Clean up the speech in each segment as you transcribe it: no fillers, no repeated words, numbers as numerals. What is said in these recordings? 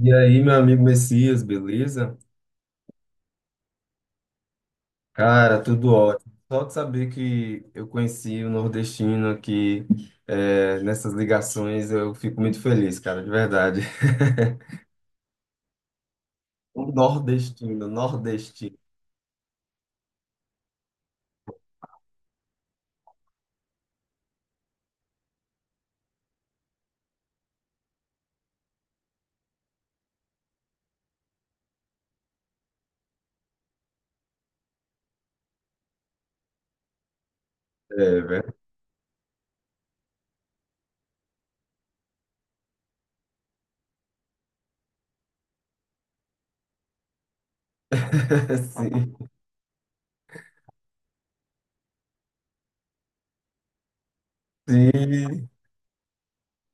E aí, meu amigo Messias, beleza? Cara, tudo ótimo. Só de saber que eu conheci o nordestino aqui, nessas ligações, eu fico muito feliz, cara, de verdade. Um nordestino, nordestino. É, velho. Sim. Sim.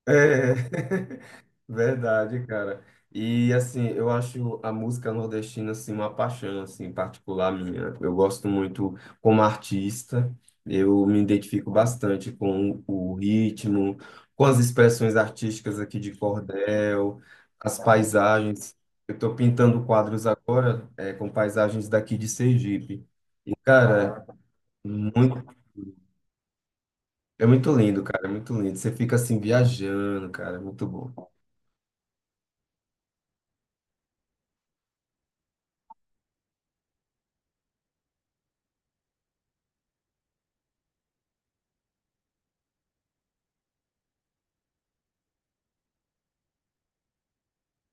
É, verdade, cara. E assim, eu acho a música nordestina assim uma paixão assim particular minha. Eu gosto muito como artista. Eu me identifico bastante com o ritmo, com as expressões artísticas aqui de cordel, as paisagens. Eu estou pintando quadros agora com paisagens daqui de Sergipe. E, cara, muito, é muito lindo, cara, é muito lindo. Você fica assim viajando, cara, é muito bom.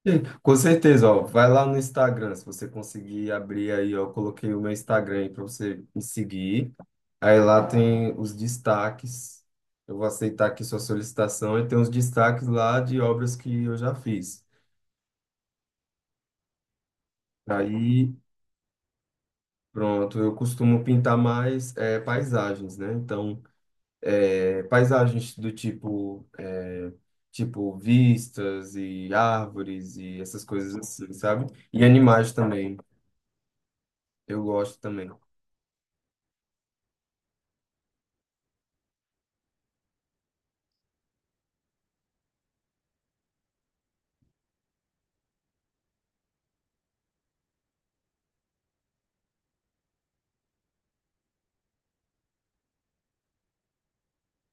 Sim, com certeza, ó, vai lá no Instagram, se você conseguir abrir aí, ó, eu coloquei o meu Instagram aí para você me seguir. Aí lá tem os destaques. Eu vou aceitar aqui sua solicitação e tem os destaques lá de obras que eu já fiz. Aí, pronto, eu costumo pintar mais paisagens, né? Então, paisagens do tipo, tipo vistas e árvores e essas coisas assim, sabe? E animais também. Eu gosto também.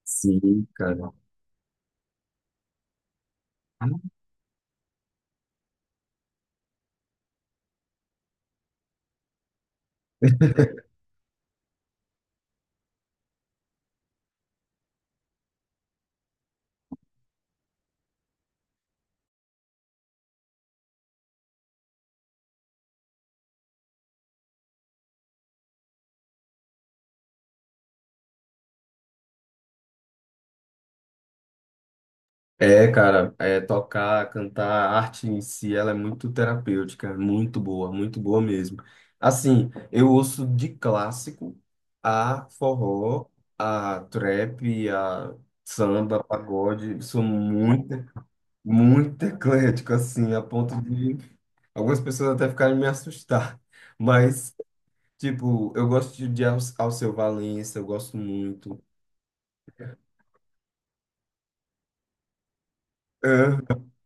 Sim, cara. É, cara, é, tocar, cantar, a arte em si, ela é muito terapêutica, é muito boa mesmo. Assim, eu ouço de clássico a forró, a trap, a samba, pagode, sou muito, muito eclético, assim, a ponto de algumas pessoas até ficaram me assustar. Mas, tipo, eu gosto de Alceu Valença, eu gosto muito.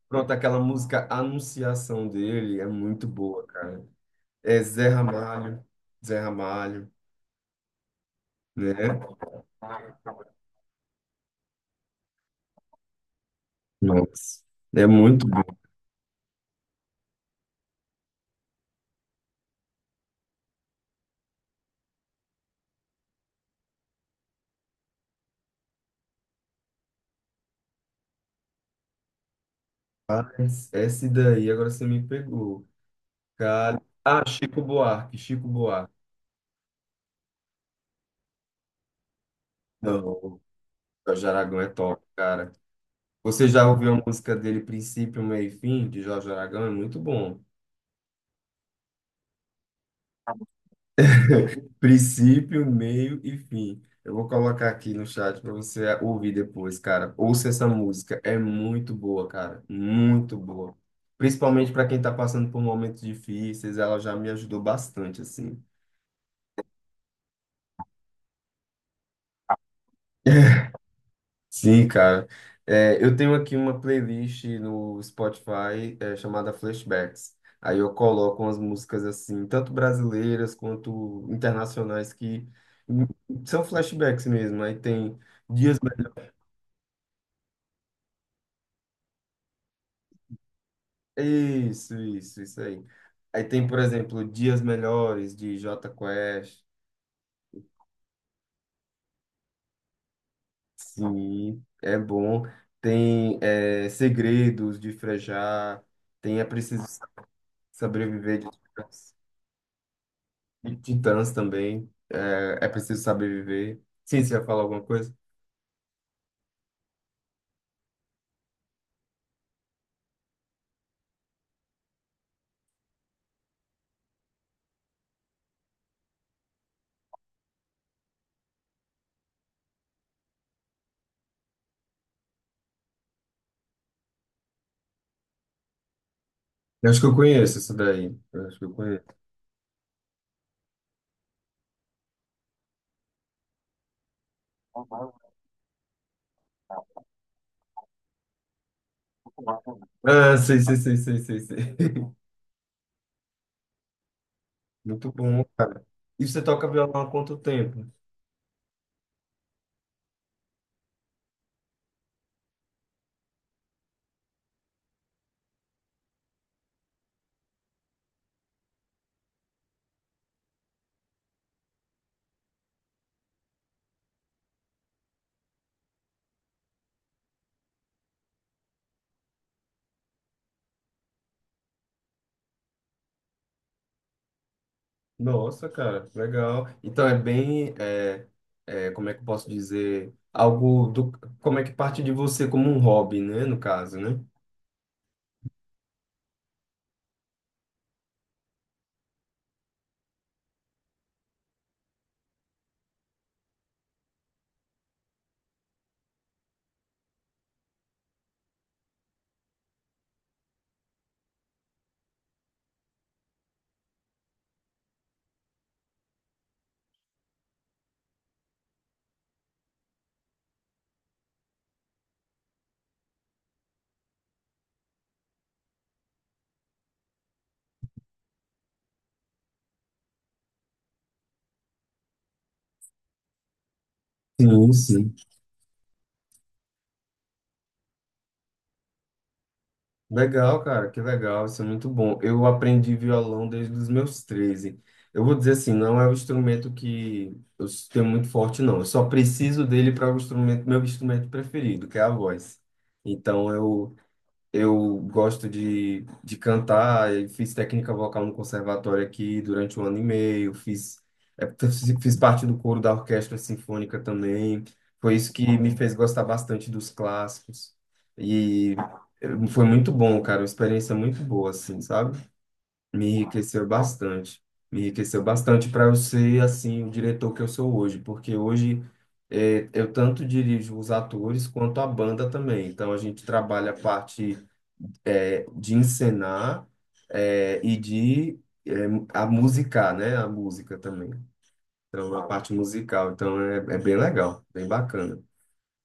Pronto, aquela música Anunciação dele é muito boa, cara. É Zé Ramalho, Zé Ramalho, né? Nossa, é muito bom. Mas esse daí, agora você me pegou. Cara, ah, Chico Buarque, Chico Buarque. Não, o Jorge Aragão é top, cara. Você já ouviu a música dele, Princípio, Meio e Fim, de Jorge Aragão? É muito bom. Princípio, meio e fim. Eu vou colocar aqui no chat para você ouvir depois, cara. Ouça essa música, é muito boa, cara, muito boa. Principalmente para quem tá passando por momentos difíceis, ela já me ajudou bastante, assim. Sim, cara. É, eu tenho aqui uma playlist no Spotify, chamada Flashbacks. Aí eu coloco umas músicas assim, tanto brasileiras quanto internacionais, que são flashbacks mesmo. Aí tem dias isso, isso, isso aí. Aí tem, por exemplo, Dias Melhores, de Jota Quest. Sim, é bom. Tem Segredos, de Frejá. Tem É Preciso Sobreviver, de Titãs também. É, é Preciso Saber Viver. Sim, você ia falar alguma coisa? Eu acho que eu conheço isso daí. Eu acho que eu conheço. Ah, sei, sei, sei, sei, sei, sei. Muito bom. E você toca violão há quanto tempo? Nossa, cara, legal. Então é bem, é, é, como é que eu posso dizer, algo do, como é que parte de você como um hobby, né, no caso, né? Sim, sim. Legal, cara, que legal, isso é muito bom. Eu aprendi violão desde os meus 13. Eu vou dizer assim, não é um instrumento que eu tenho muito forte, não. Eu só preciso dele para o instrumento, meu instrumento preferido, que é a voz. Então eu gosto de cantar, eu fiz técnica vocal no conservatório aqui durante 1 ano e meio, fiz, é, fiz parte do coro da orquestra sinfônica também. Foi isso que me fez gostar bastante dos clássicos. E foi muito bom, cara, uma experiência muito boa, assim, sabe? Me enriqueceu bastante. Me enriqueceu bastante para eu ser, assim, o diretor que eu sou hoje, porque hoje eu tanto dirijo os atores quanto a banda também. Então a gente trabalha a parte de encenar e a musicar, né? A música também. Então, a parte musical. Então, é, é bem legal, bem bacana.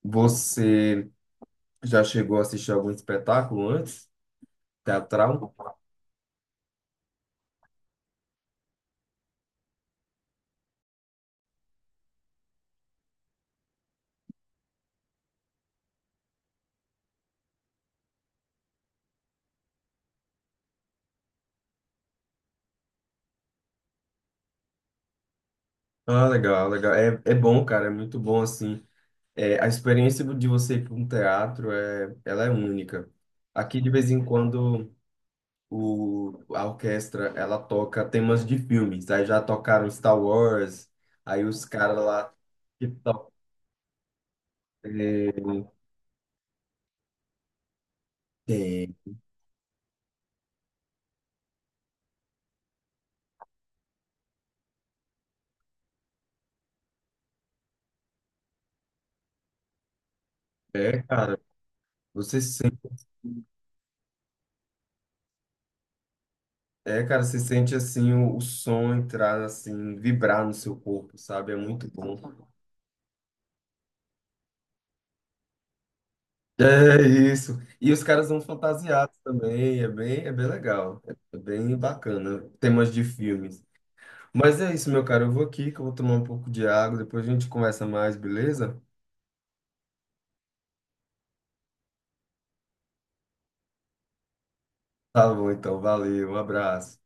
Você já chegou a assistir algum espetáculo antes? Teatral? Ah, legal, legal. É, é bom, cara, é muito bom, assim. É, a experiência de você ir para um teatro, é, ela é única. Aqui, de vez em quando, a orquestra ela toca temas de filmes. Aí já tocaram Star Wars, aí os caras lá que tocam. É, tem. É, cara, você sente, é, cara, você sente assim o som entrar assim, vibrar no seu corpo, sabe? É muito bom. É isso. E os caras vão fantasiados também, é bem legal. É bem bacana, temas de filmes. Mas é isso, meu cara, eu vou aqui que eu vou tomar um pouco de água, depois a gente conversa mais, beleza? Tá bom, então, valeu, um abraço.